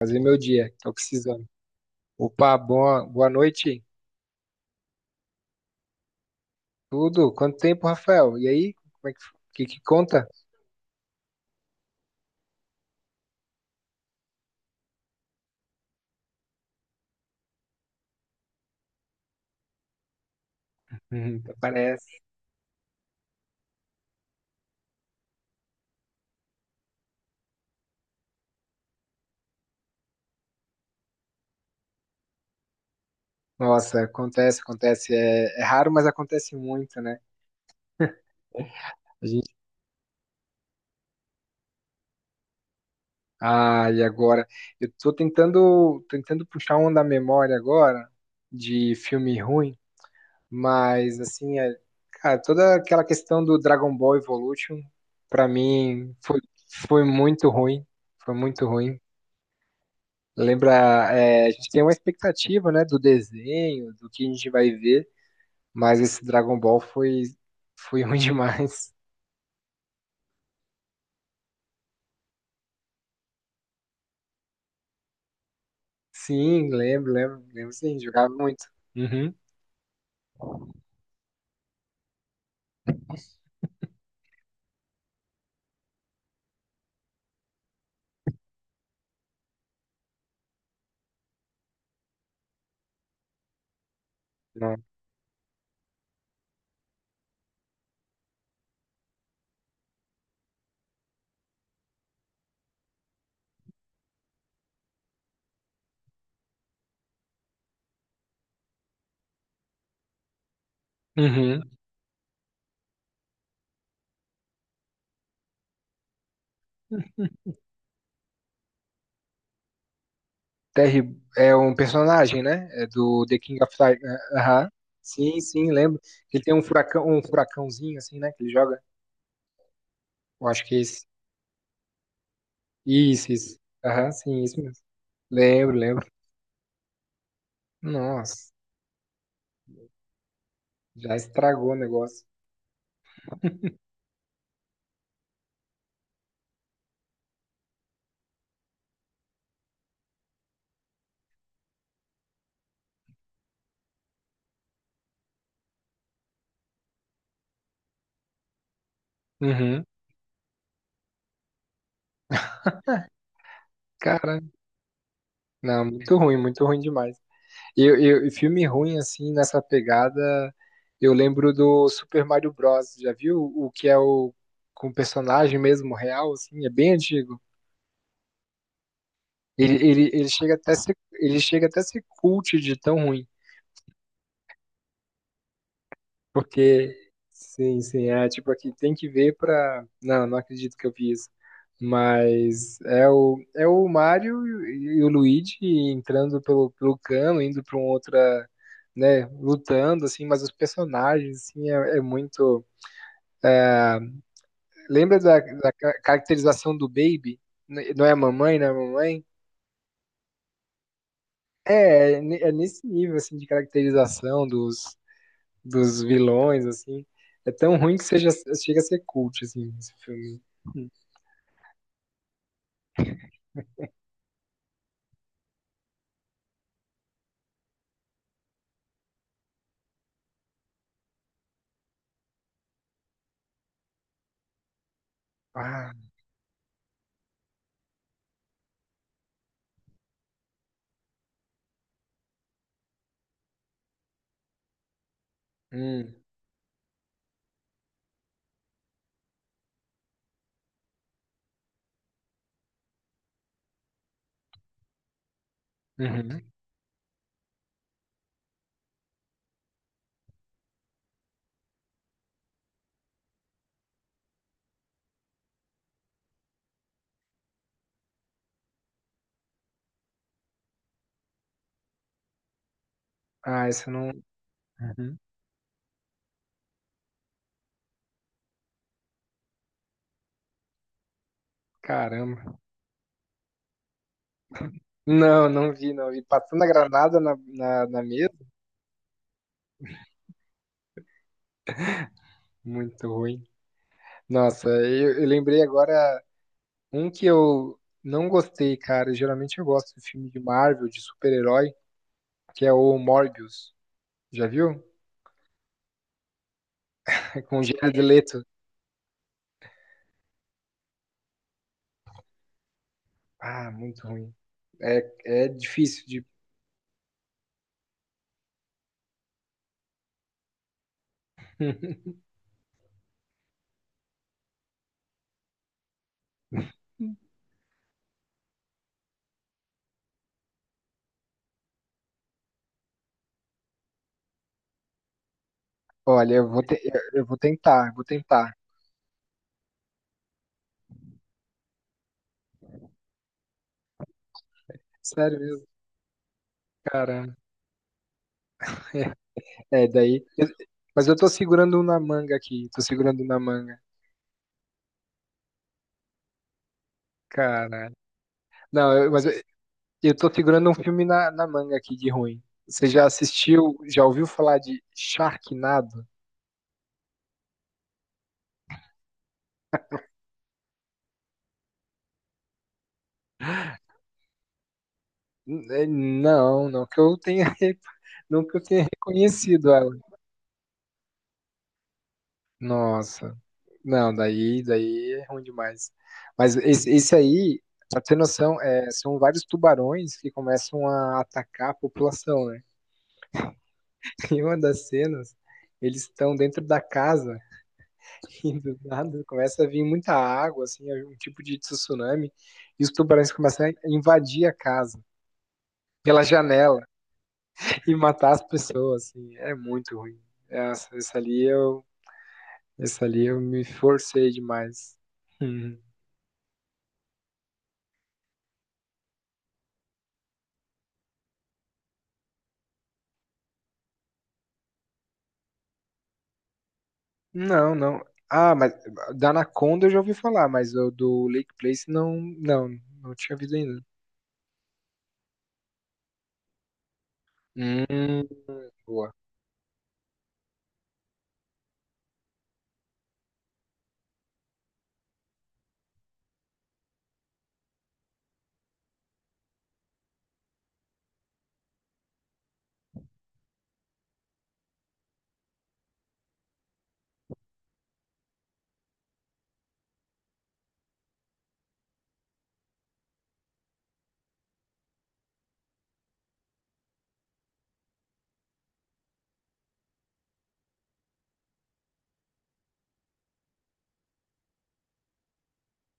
Fazer meu dia, tô precisando. Opa, boa noite. Tudo? Quanto tempo, Rafael? E aí? Como é que conta? Uhum, parece. Nossa, acontece, acontece. É raro, mas acontece muito, né? A gente... Ah, e agora? Eu tô tentando puxar um da memória agora de filme ruim, mas assim, é... cara, toda aquela questão do Dragon Ball Evolution, pra mim, foi muito ruim. Foi muito ruim. Lembra, é, a gente tem uma expectativa, né, do desenho, do que a gente vai ver, mas esse Dragon Ball foi ruim demais. Sim, lembro, lembro, lembro sim, jogava muito. Uhum. Não. Uhum. Terry é um personagem, né? É do The King of Tigers. Aham. Sim, sim, lembro. Ele tem um furacão, um furacãozinho assim, né? Que ele joga. Eu acho que é esse. Isso, isso. Aham, sim, isso mesmo. Lembro, lembro. Nossa, já estragou o negócio. Uhum. Cara, não, muito ruim demais. E filme ruim, assim, nessa pegada, eu lembro do Super Mario Bros. Já viu o que é o com o personagem mesmo real, assim, é bem antigo. Ele chega até a ser, ele chega até a ser cult de tão ruim. Porque, sim, sim, é tipo aqui, tem que ver pra. Não, não acredito que eu vi isso. Mas é o Mario e o Luigi entrando pelo cano, indo pra um outra, né, lutando, assim, mas os personagens, assim, é muito. Lembra da caracterização do Baby? Não é a mamãe, não é a mamãe? É, é é nesse nível, assim, de caracterização dos vilões, assim. É tão ruim que seja, chega a ser cult, assim, esse filme. Ah, hum, uhum. Ah, isso eu não. Uhum. Caramba. Não, não vi, não vi. Passando a granada na mesa? Muito ruim. Nossa, eu lembrei agora um que eu não gostei, cara. Geralmente eu gosto de filme de Marvel, de super-herói, que é o Morbius. Já viu? Com o Jared Leto. Ah, muito ruim. É, é difícil de. Olha, eu vou tentar, eu vou tentar. Sério mesmo, caramba. É, daí. Mas eu tô segurando um na manga aqui. Tô segurando um na manga. Caralho. Não, eu- mas Eu tô segurando um filme na manga aqui de ruim. Você já assistiu, já ouviu falar de Sharknado? Não, não que eu tenha, não que eu tenha reconhecido ela. Nossa, não, daí, daí é ruim demais. Mas esse aí, pra ter noção, é, são vários tubarões que começam a atacar a população, né? Em uma das cenas, eles estão dentro da casa e do nada começa a vir muita água, assim, é um tipo de tsunami, e os tubarões começam a invadir a casa pela janela e matar as pessoas, assim, é muito ruim. Essa, essa ali eu, essa ali eu me forcei demais. Uhum. Não, não. Ah, mas da Anaconda eu já ouvi falar, mas o do Lake Place não tinha visto ainda. Hum, boa.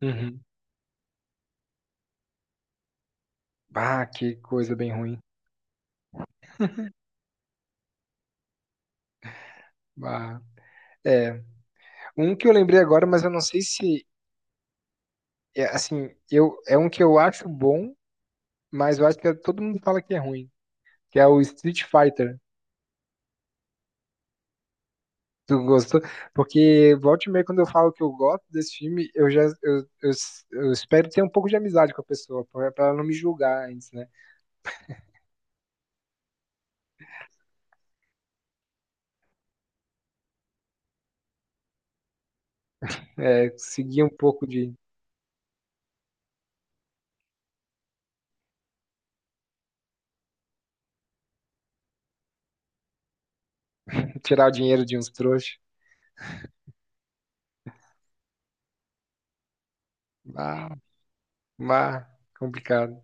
Uhum. Ah, que coisa bem ruim. Ah, é. Um que eu lembrei agora, mas eu não sei se. É, assim, eu, é um que eu acho bom, mas eu acho que todo mundo fala que é ruim, que é o Street Fighter. Tu gostou? Porque volta e meia, quando eu falo que eu gosto desse filme, eu já eu espero ter um pouco de amizade com a pessoa, pra ela não me julgar antes, né? É, seguir um pouco de tirar o dinheiro de uns trouxas. Ah, mas complicado.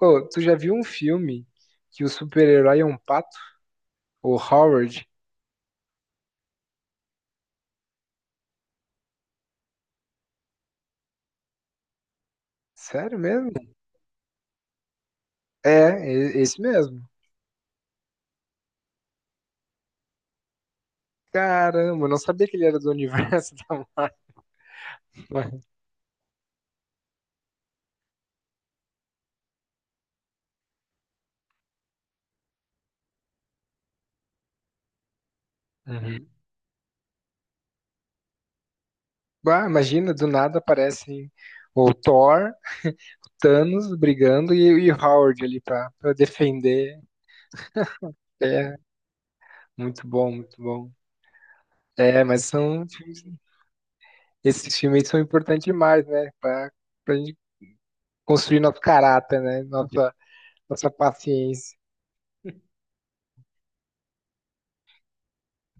Ô, tu já viu um filme que o super-herói é um pato? O Howard? Sério mesmo? É, esse mesmo. Caramba, eu não sabia que ele era do universo da Marvel. Uhum. Ah, imagina, do nada aparecem o Thor, Thanos brigando e o Howard ali pra defender. É, muito bom, muito bom. É, mas são filmes- esses filmes aí são importantes demais, né? Pra gente construir nosso caráter, né? Nossa, nossa paciência.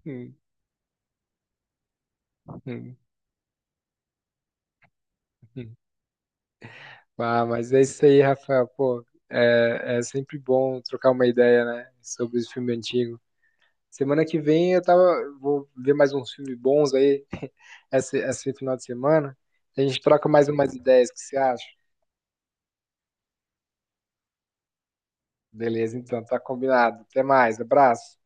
Hum, hum, hum. Ah, mas é isso aí, Rafael. Pô, é sempre bom trocar uma ideia, né, sobre os filmes antigos. Semana que vem eu tava, vou ver mais uns filmes bons aí, esse final de semana. A gente troca mais umas ideias, o que você acha? Beleza, então, tá combinado. Até mais, abraço.